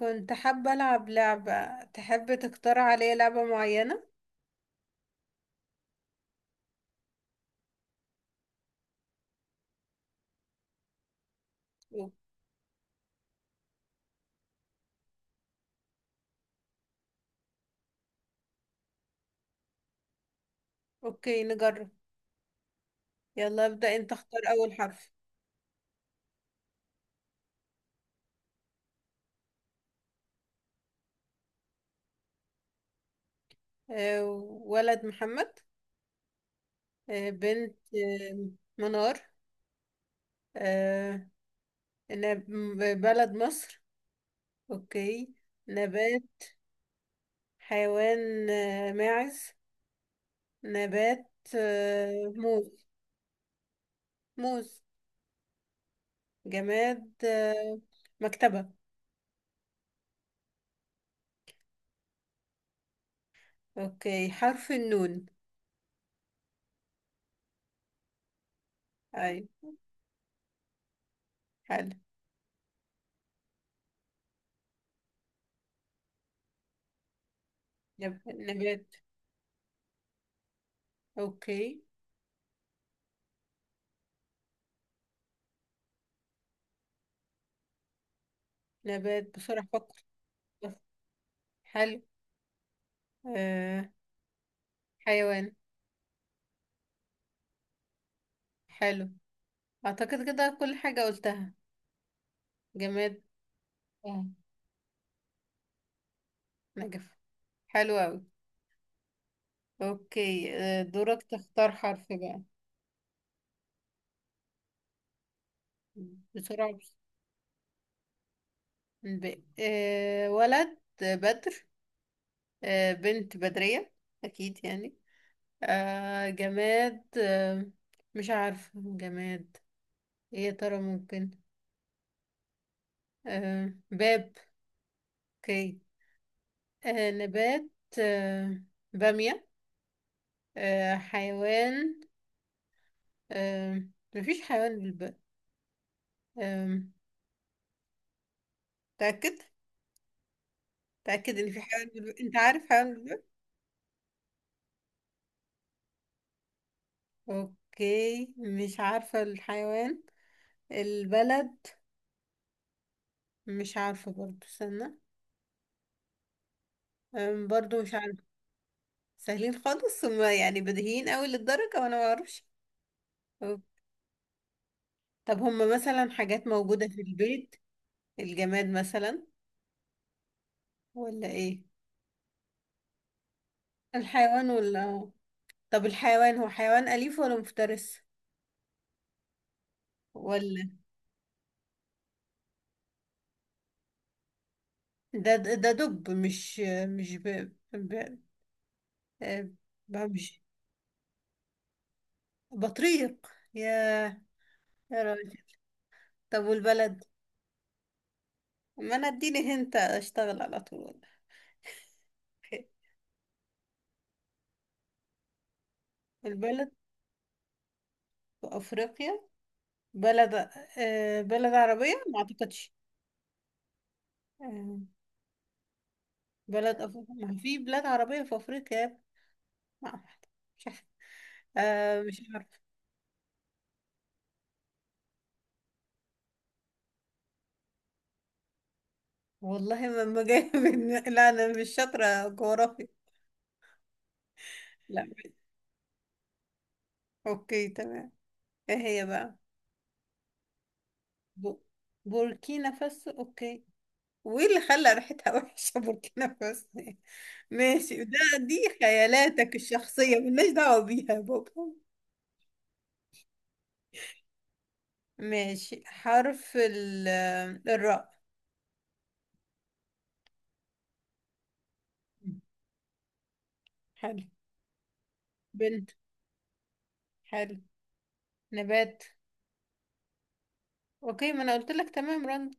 كنت حابة ألعب لعبة. تحب تختار عليا لعبة معينة؟ أو- أوكي، نجرب. يلا ابدأ أنت، اختار أول حرف. آه، ولد محمد. بنت منار. آه، بلد مصر. أوكي. نبات. حيوان، ماعز. نبات، موز. موز. جماد، مكتبة. أوكي، حرف النون. أي. حلو. نبات. أوكي. نبات، بسرعة أفكر. بس، حلو. آه. حيوان. حلو، أعتقد كده كل حاجة قلتها. جماد، آه. نجف. حلو أوي. أوكي، آه. دورك تختار حرف بقى. بسرعة آه. ولد بدر. آه. بنت بدرية. أكيد يعني آه. جماد آه. مش عارفة. جماد، إيه يا ترى ممكن؟ آه. باب. أوكي. آه. نبات. آه. بامية. آه، حيوان. آه، مفيش حيوان بالباء. آه. تأكد، تأكد إن في حيوان بالباء. أنت عارف حيوان بالباء؟ أوكي، مش عارفة الحيوان. البلد، مش عارفة برضو، استنى. آه، برضو مش عارفة. سهلين خالص هما يعني، بديهيين أوي للدرجة وأنا معرفش. أوك. طب هما مثلا حاجات موجودة في البيت؟ الجماد مثلا، ولا إيه؟ الحيوان، ولا آه. طب الحيوان هو حيوان أليف ولا مفترس، ولا؟ ده دب؟ مش آه، مش بطريق؟ يا، يا راجل. طب والبلد؟ ما انا اديني هنت، اشتغل على طول. البلد في افريقيا؟ بلد، آه، بلد عربية ما اعتقدش. آه، بلد أفريقيا؟ ما في بلاد عربية في افريقيا يا ابني. ما أعرف. مش عارف. آه، مش عارف. والله ما جاي لا، انا مش شاطرة جغرافيا. لا. اوكي، تمام. ايه هي بقى؟ ب... بوركينا فاسو، اوكي. وايه اللي خلى ريحتها وحشه بوركينا فاسو ماشي، ده، دي خيالاتك الشخصيه، ملناش دعوه بيها يا بابا. ماشي، حرف الراء. حلو. بنت، حلو. نبات. اوكي، ما انا قلت لك تمام رند.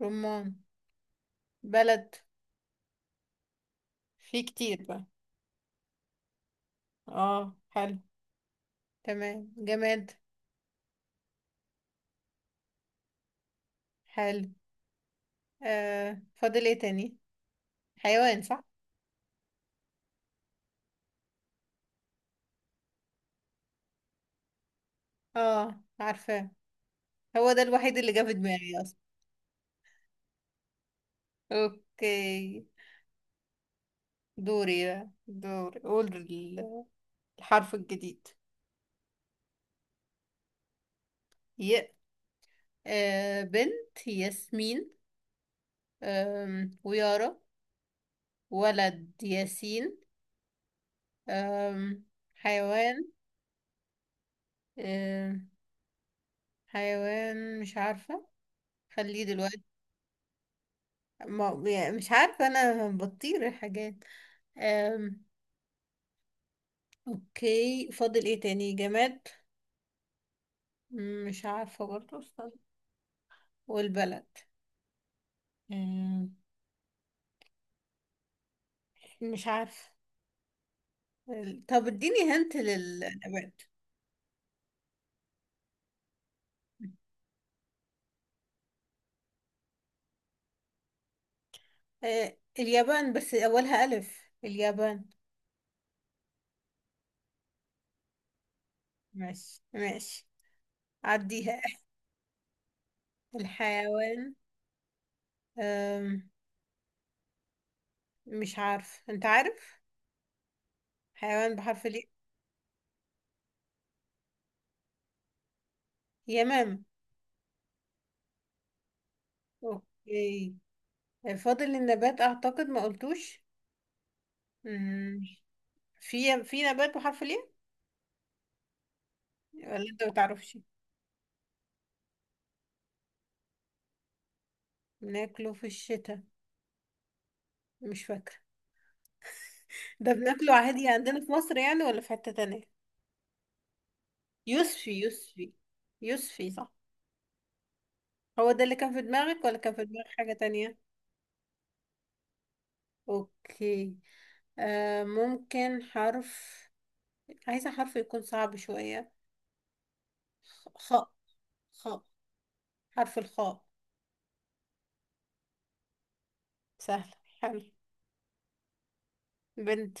رمان. بلد، في كتير بقى. اه، حلو. تمام. جماد، حلو. آه، فاضل ايه تاني؟ حيوان، صح. اه عارفه، هو ده الوحيد اللي جه في دماغي اصلا. اوكي. دوري بقى، دوري. قول الحرف الجديد. ي. آه، بنت ياسمين، آم، ويارا. ولد ياسين. آم. حيوان. آم. حيوان، مش عارفة، خليه دلوقتي. ما يعني مش عارفة، انا بطير الحاجات. آم. اوكي، فاضل ايه تاني؟ جماد. مش عارفة برضه، استنى. والبلد. مش عارفة. طب اديني هنت للنبات. آه، اليابان، بس أولها ألف. اليابان. ماشي ماشي. عديها. الحيوان. أم، مش عارف، أنت عارف حيوان بحرف الياء؟ يمام. أوكي. فاضل النبات أعتقد، ما قلتوش. مم، في نبات بحرف الياء، ولا أنت ما تعرفش؟ بناكله في الشتاء. مش فاكرة. ده بناكله عادي عندنا في مصر يعني، ولا في حتة تانية؟ يوسفي، يوسفي. يوسفي، صح. هو ده اللي كان في دماغك، ولا كان في دماغك حاجة تانية؟ اوكي. آه، ممكن حرف. عايزة حرف يكون صعب شوية. خاء. خاء. حرف الخاء. سهل. حلو. بنت،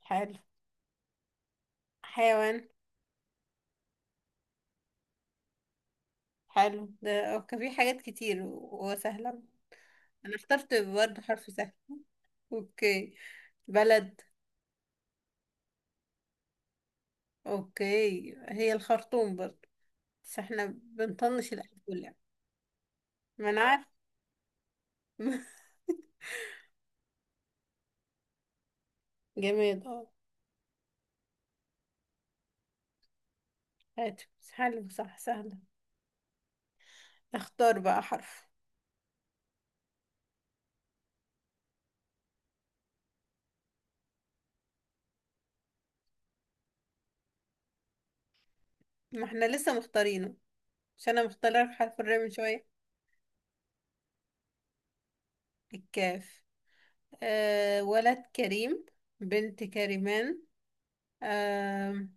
حلو. حيوان، حلو. ده كان في حاجات كتير وسهلة. انا اخترت برضه حرف سهل. اوكي. بلد. اوكي، هي الخرطوم برضه، بس احنا بنطنش الألف واللام. ما انا عارفة جماد، اه. هاتف، حلو، صح سهلة. اختار بقى حرف. ما احنا لسه مختارينه؟ مش انا مختاره لك حرف الراء من شوية. الكاف. آه، ولد كريم. بنت كريمان. آه.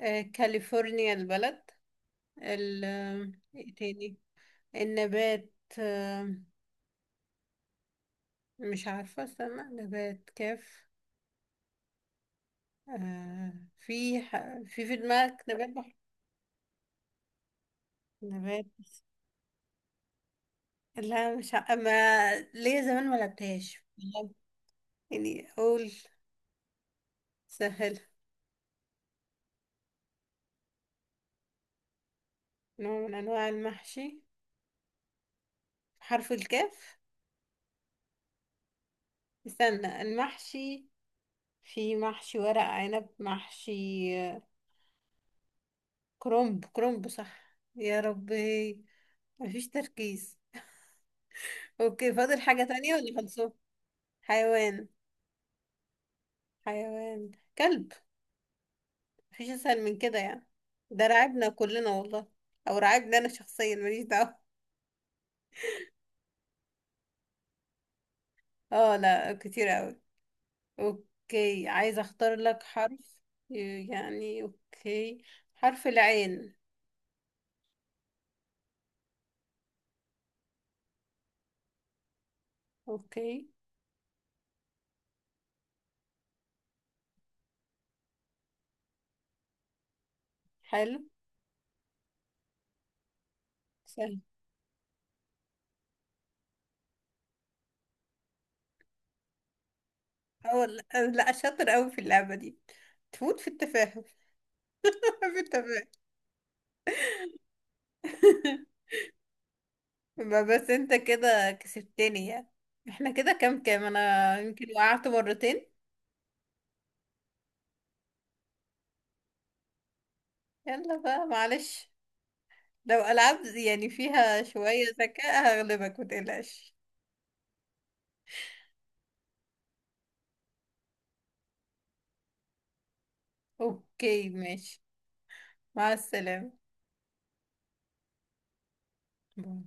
آه، كاليفورنيا، البلد. ال، آه، ايه تاني؟ النبات. آه، مش عارفة، استنى. نبات كاف. آه. في ح... في في دماغك نبات نبات؟ لا، مش ع... ما ليا زمان، ما لعبتهاش بجد. يعني اقول. سهل. نوع من انواع المحشي. حرف الكاف. استنى، المحشي. في محشي ورق عنب، محشي آه، كرنب. كرنب، صح، يا ربي. مفيش تركيز. اوكي، فاضل حاجة تانية ولا خلصوا؟ حيوان. حيوان. كلب. مفيش اسهل من كده يعني. ده رعبنا كلنا والله. او رعبنا انا شخصيا، ماليش دعوة. اه لا، كتير اوي. اوكي، عايزة اختار لك حرف. يعني اوكي. حرف العين. اوكي. حلو. سهل. اه لا. لا، شاطر قوي في اللعبة دي، تفوت في التفاهة في التفاهة ما بس انت كده كسبتني يعني. احنا كده كام، كام انا يمكن وقعت مرتين. يلا بقى، معلش. لو ألعاب يعني فيها شوية ذكاء هغلبك، متقلقش. اوكي ماشي. مع السلامة. باي.